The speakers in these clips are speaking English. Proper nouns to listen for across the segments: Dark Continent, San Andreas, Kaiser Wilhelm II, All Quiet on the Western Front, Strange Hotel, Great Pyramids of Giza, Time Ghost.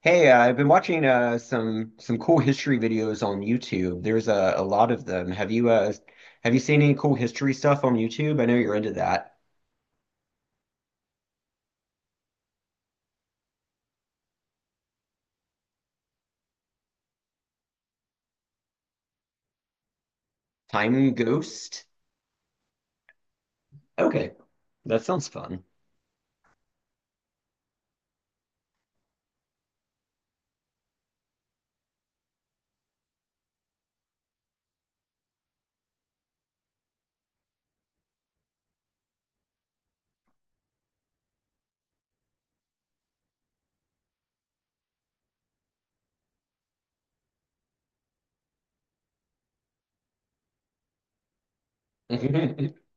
Hey, I've been watching some cool history videos on YouTube. There's a lot of them. Have you seen any cool history stuff on YouTube? I know you're into that. Time Ghost? Okay, that sounds fun.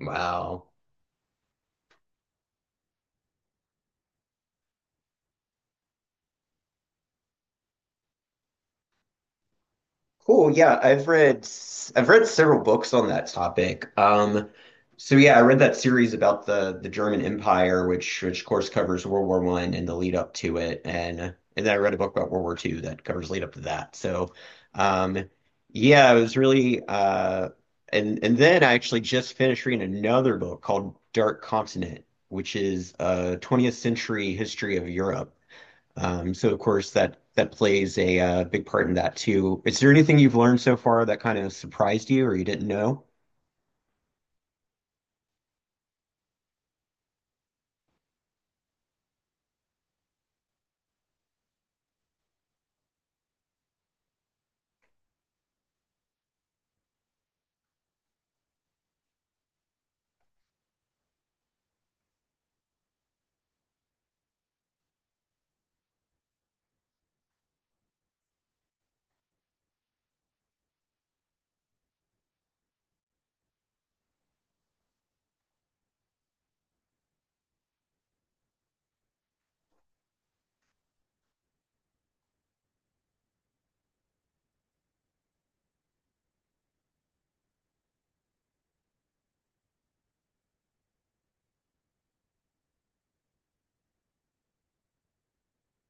Wow. Cool. Yeah, I've read I I've read several books on that topic. So yeah, I read that series about the German Empire, which of course covers World War One and the lead up to it, and then I read a book about World War Two that covers lead up to that. So, um, yeah, it was really and then I actually just finished reading another book called Dark Continent, which is a 20th century history of Europe. That plays a big part in that too. Is there anything you've learned so far that kind of surprised you or you didn't know?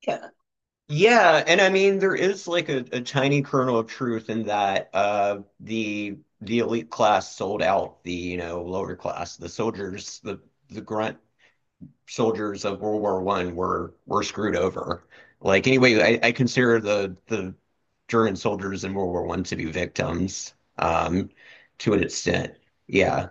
Yeah. Yeah, and I mean there is like a tiny kernel of truth in that the elite class sold out the lower class. The soldiers, the grunt soldiers of World War One were screwed over. Like anyway, I consider the German soldiers in World War One to be victims to an extent. Yeah.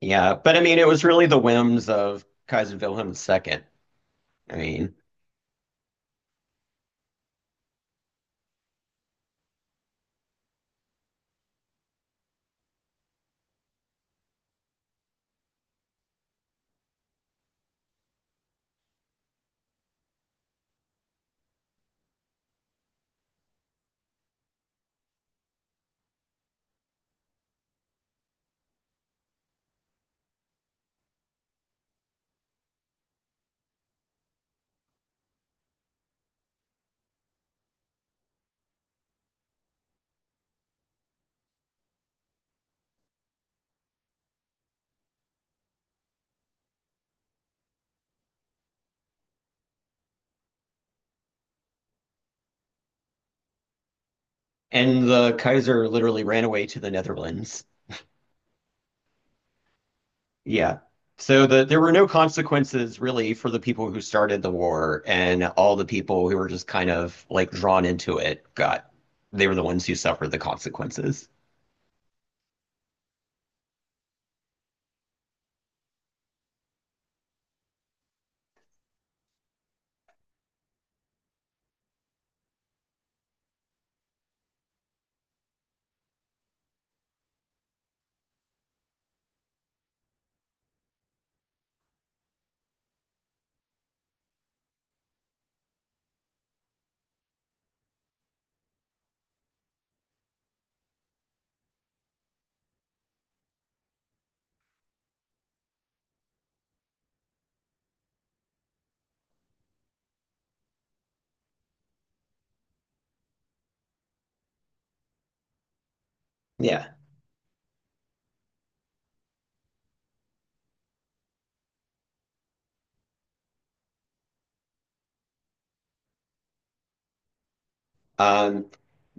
Yeah, but I mean, it was really the whims of Kaiser Wilhelm II. I mean, and the Kaiser literally ran away to the Netherlands. Yeah. So the, there were no consequences really for the people who started the war, and all the people who were just kind of like drawn into it got, they were the ones who suffered the consequences. Yeah. Um.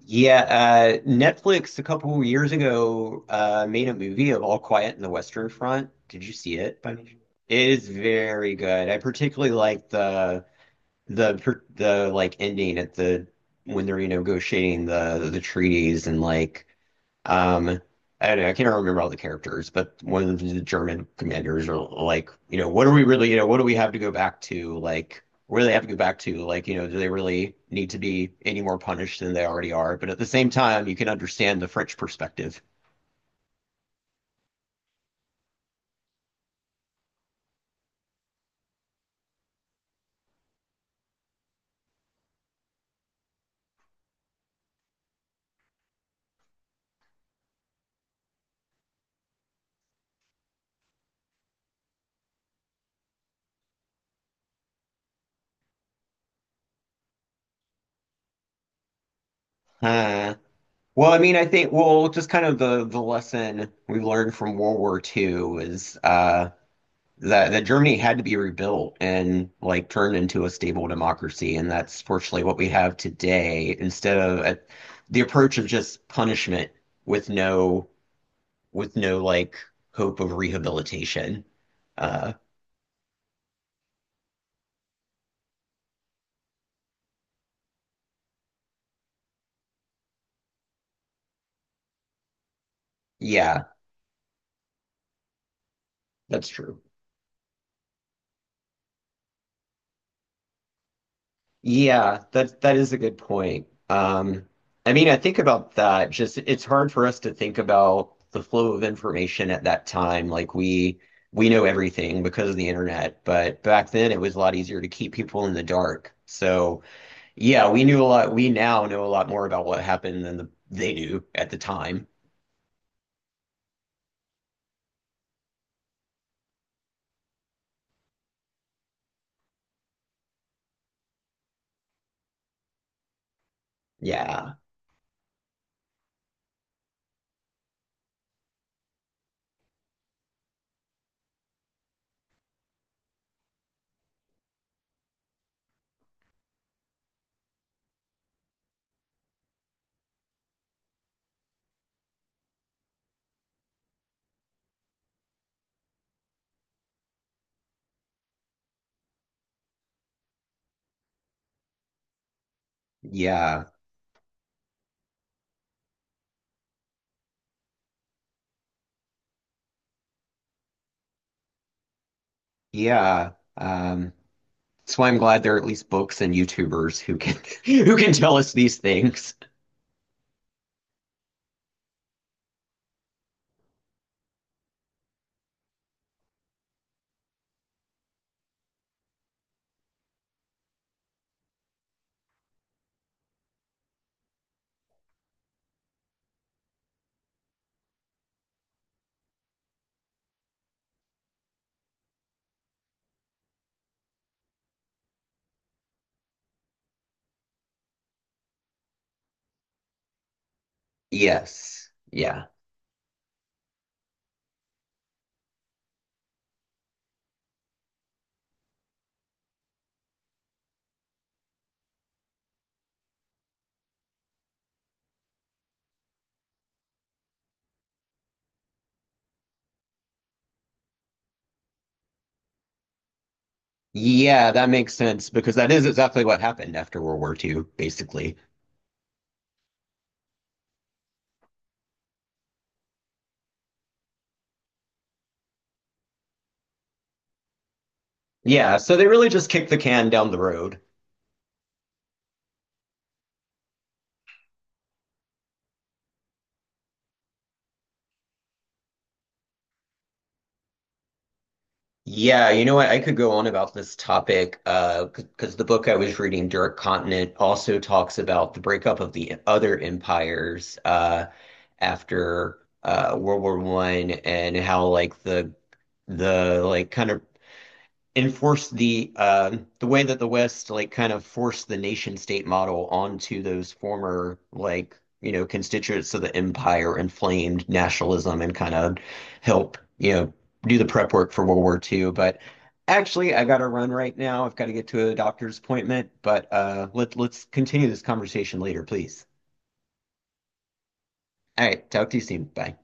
Yeah, Netflix a couple years ago made a movie of All Quiet in the Western Front. Did you see it by any chance? It is very good. I particularly like the like ending at the when they're you know negotiating the treaties and like um, I don't know, I can't remember all the characters, but one of the German commanders are like, you know, what are we really, you know, what do we have to go back to? Like, where do they have to go back to? Like, you know, do they really need to be any more punished than they already are? But at the same time, you can understand the French perspective. Huh. Well, I mean, I think, well, just kind of the lesson we learned from World War II is that that Germany had to be rebuilt and like turned into a stable democracy, and that's fortunately what we have today instead of the approach of just punishment with no with no like hope of rehabilitation. Uh, yeah, that's true. Yeah, that that is a good point. I mean, I think about that. Just it's hard for us to think about the flow of information at that time. Like we know everything because of the internet, but back then it was a lot easier to keep people in the dark. So yeah, we knew a lot. We now know a lot more about what happened than the, they knew at the time. Yeah, yeah, yeah. Um, that's why I'm glad there are at least books and YouTubers who can who can tell us these things. Yes. Yeah. Yeah, that makes sense because that is exactly what happened after World War Two, basically. Yeah, so they really just kicked the can down the road. Yeah, you know what? I could go on about this topic because the book I was reading, Dark Continent, also talks about the breakup of the other empires after World War One and how like the like kind of enforce the way that the West like kind of forced the nation state model onto those former like you know constituents of the empire inflamed nationalism and kind of help you know do the prep work for World War II. But actually, I got to run right now. I've got to get to a doctor's appointment. But let's continue this conversation later, please. All right, talk to you soon. Bye.